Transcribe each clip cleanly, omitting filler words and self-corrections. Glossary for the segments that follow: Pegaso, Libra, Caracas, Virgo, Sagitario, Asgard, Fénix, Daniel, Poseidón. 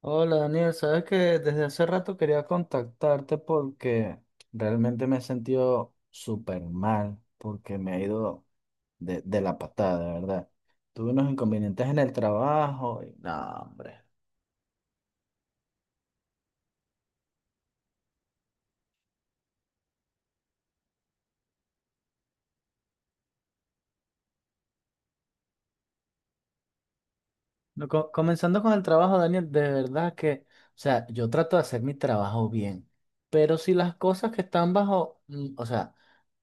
Hola Daniel, sabes que desde hace rato quería contactarte porque realmente me he sentido súper mal, porque me ha ido de la patada, de verdad. Tuve unos inconvenientes en el trabajo y no, hombre. No, comenzando con el trabajo, Daniel, de verdad que, o sea, yo trato de hacer mi trabajo bien, pero si las cosas que están bajo, o sea,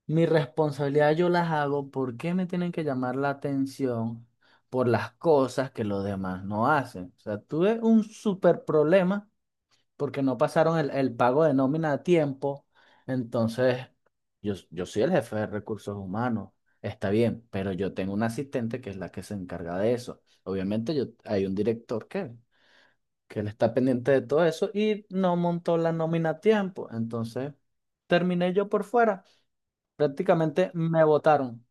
mi responsabilidad yo las hago, ¿por qué me tienen que llamar la atención por las cosas que los demás no hacen? O sea, tuve un súper problema porque no pasaron el pago de nómina a tiempo. Entonces, yo soy el jefe de recursos humanos, está bien, pero yo tengo una asistente que es la que se encarga de eso. Obviamente, yo, hay un director que él está pendiente de todo eso y no montó la nómina a tiempo. Entonces, terminé yo por fuera. Prácticamente me votaron.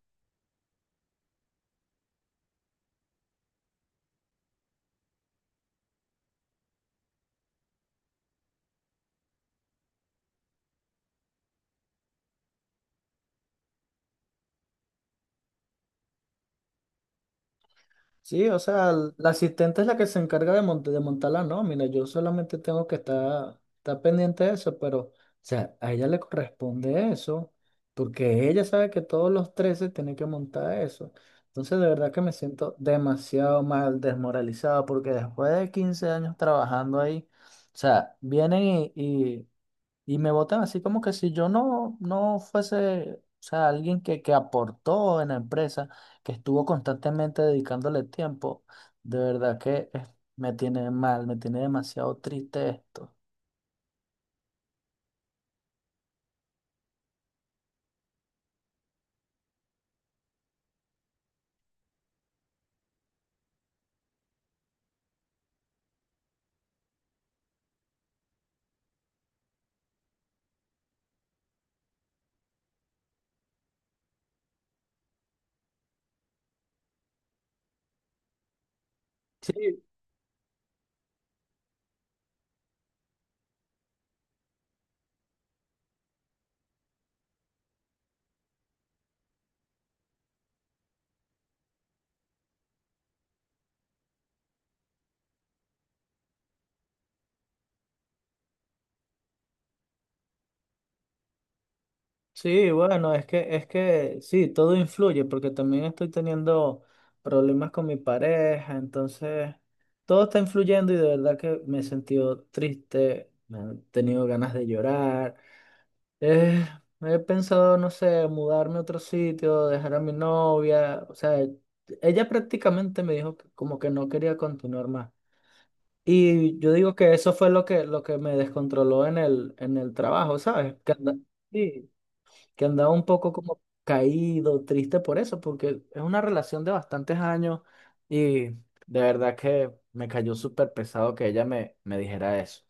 Sí, o sea, la asistente es la que se encarga de montar la nómina. Yo solamente tengo que estar pendiente de eso, pero, o sea, a ella le corresponde eso, porque ella sabe que todos los 13 tienen que montar eso. Entonces, de verdad que me siento demasiado mal, desmoralizado, porque después de 15 años trabajando ahí, o sea, vienen y me votan así como que si yo no fuese, o sea, alguien que aportó en la empresa, que estuvo constantemente dedicándole tiempo, de verdad que me tiene mal, me tiene demasiado triste esto. Sí, sí, bueno, es que sí, todo influye porque también estoy teniendo problemas con mi pareja, entonces todo está influyendo y de verdad que me he sentido triste, me han tenido ganas de llorar. Eh, he pensado, no sé, mudarme a otro sitio, dejar a mi novia. O sea, ella prácticamente me dijo que como que no quería continuar más. Y yo digo que eso fue lo que me descontroló en el trabajo, ¿sabes? Sí, que andaba un poco como caído, triste por eso, porque es una relación de bastantes años y de verdad que me cayó súper pesado que ella me dijera eso.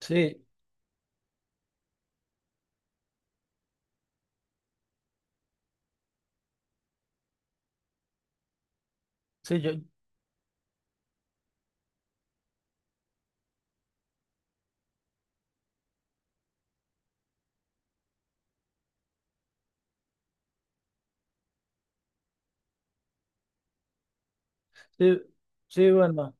Sí, sí, yo, sí, sí, bueno.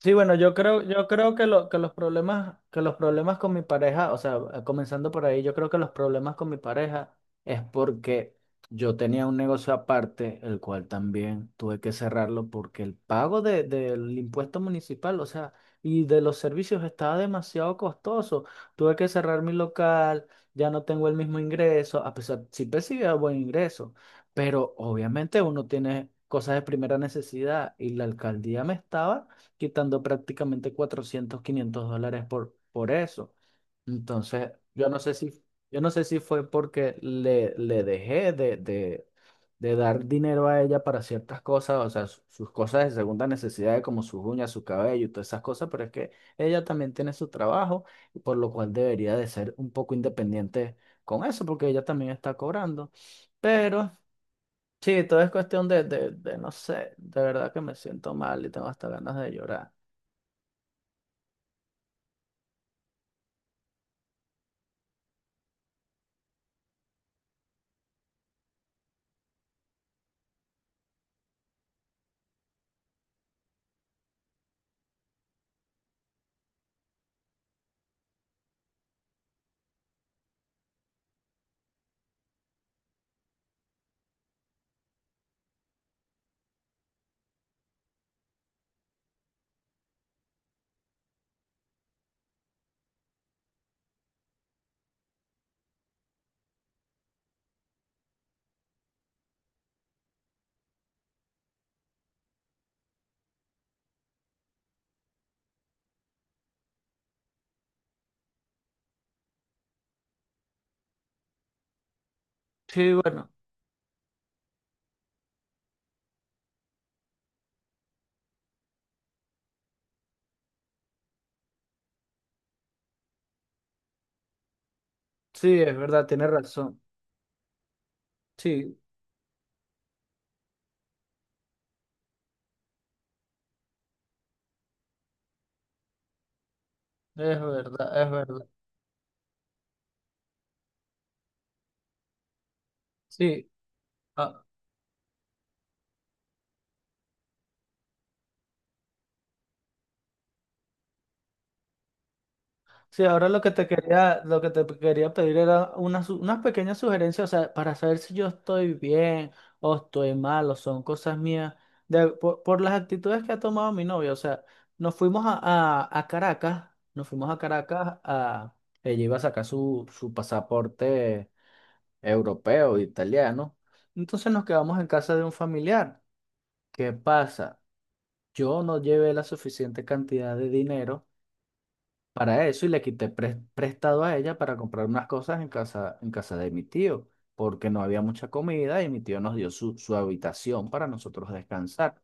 Sí, bueno, yo creo que, que los problemas con mi pareja, o sea, comenzando por ahí, yo creo que los problemas con mi pareja es porque yo tenía un negocio aparte, el cual también tuve que cerrarlo porque el pago del impuesto municipal, o sea, y de los servicios estaba demasiado costoso. Tuve que cerrar mi local, ya no tengo el mismo ingreso, a pesar, sí percibía buen ingreso, pero obviamente uno tiene cosas de primera necesidad y la alcaldía me estaba quitando prácticamente 400 $500 por eso. Entonces, yo no sé si, yo no sé si fue porque le dejé de dar dinero a ella para ciertas cosas, o sea, sus cosas de segunda necesidad, como sus uñas, su cabello y todas esas cosas, pero es que ella también tiene su trabajo, por lo cual debería de ser un poco independiente con eso, porque ella también está cobrando. Pero... Sí, todo es cuestión de, no sé, de verdad que me siento mal y tengo hasta ganas de llorar. Sí, bueno, sí, es verdad, tienes razón. Sí, es verdad, es verdad. Sí, ah, sí, ahora lo que te quería pedir era unas unas pequeñas sugerencias, o sea, para saber si yo estoy bien o estoy mal o son cosas mías, de- por las actitudes que ha tomado mi novia. O sea, nos fuimos a Caracas, nos fuimos a Caracas a... Ella iba a sacar su pasaporte europeo, italiano. Entonces nos quedamos en casa de un familiar. ¿Qué pasa? Yo no llevé la suficiente cantidad de dinero para eso y le quité prestado a ella para comprar unas cosas en casa de mi tío, porque no había mucha comida y mi tío nos dio su, su habitación para nosotros descansar.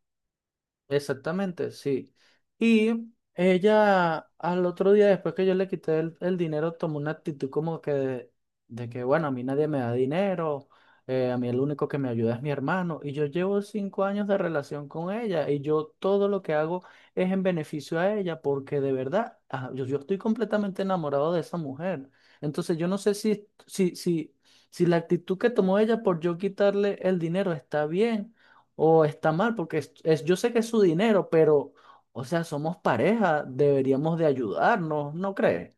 Exactamente, sí. Y ella al otro día, después que yo le quité el dinero, tomó una actitud como que de que, bueno, a mí nadie me da dinero, a mí el único que me ayuda es mi hermano. Y yo llevo 5 años de relación con ella y yo todo lo que hago es en beneficio a ella porque de verdad, ah, yo estoy completamente enamorado de esa mujer. Entonces yo no sé si la actitud que tomó ella por yo quitarle el dinero está bien o está mal, porque es- yo sé que es su dinero, pero, o sea, somos pareja, deberíamos de ayudarnos, ¿no crees?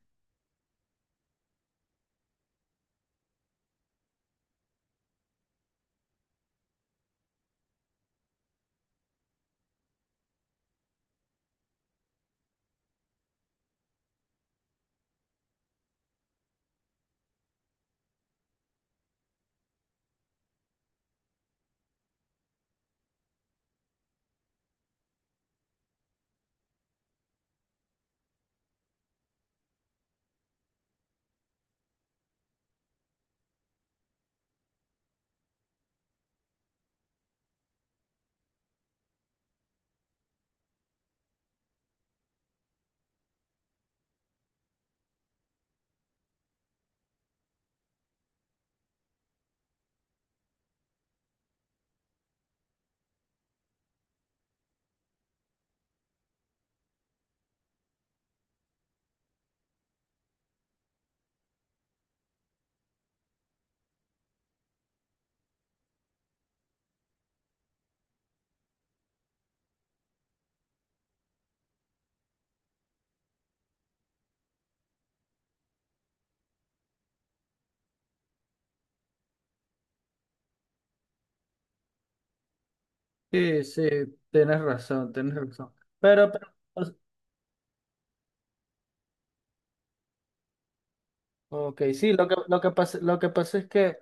Sí, sí, tienes razón, tienes razón. Pero, pero, o- ok, sí, lo que pasa es que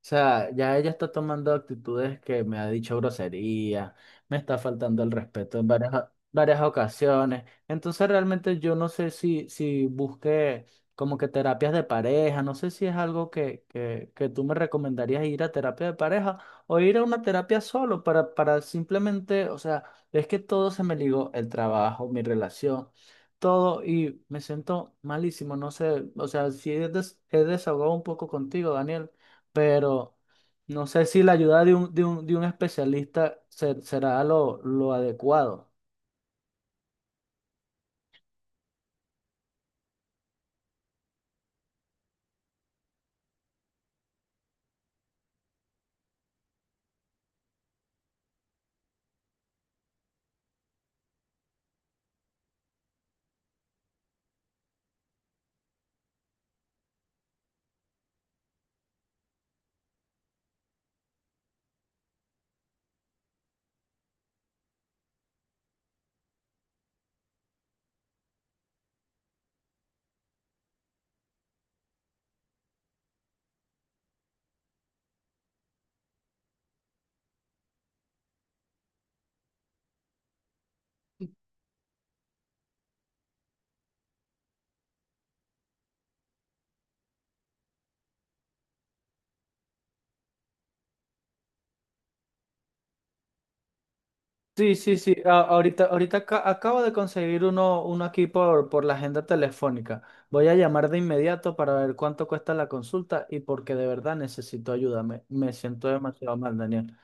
sea, ya ella está tomando actitudes que me ha dicho grosería, me está faltando el respeto en varias ocasiones. Entonces realmente yo no sé si busqué como que terapias de pareja, no sé si es algo que tú me recomendarías ir a terapia de pareja o ir a una terapia solo para simplemente, o sea, es que todo se me ligó, el trabajo, mi relación. Todo y me siento malísimo, no sé, o sea, si he, he desahogado un poco contigo, Daniel, pero no sé si la ayuda de un especialista será lo adecuado. Sí, sí, sí. Ahorita, acabo de conseguir uno aquí por la agenda telefónica. Voy a llamar de inmediato para ver cuánto cuesta la consulta y porque de verdad necesito ayuda. Me siento demasiado mal, Daniel.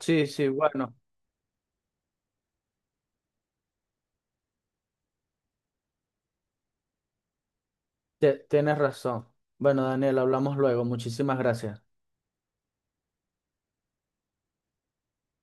Sí, sí, bueno, te- tienes razón. Bueno, Daniel, hablamos luego. Muchísimas gracias.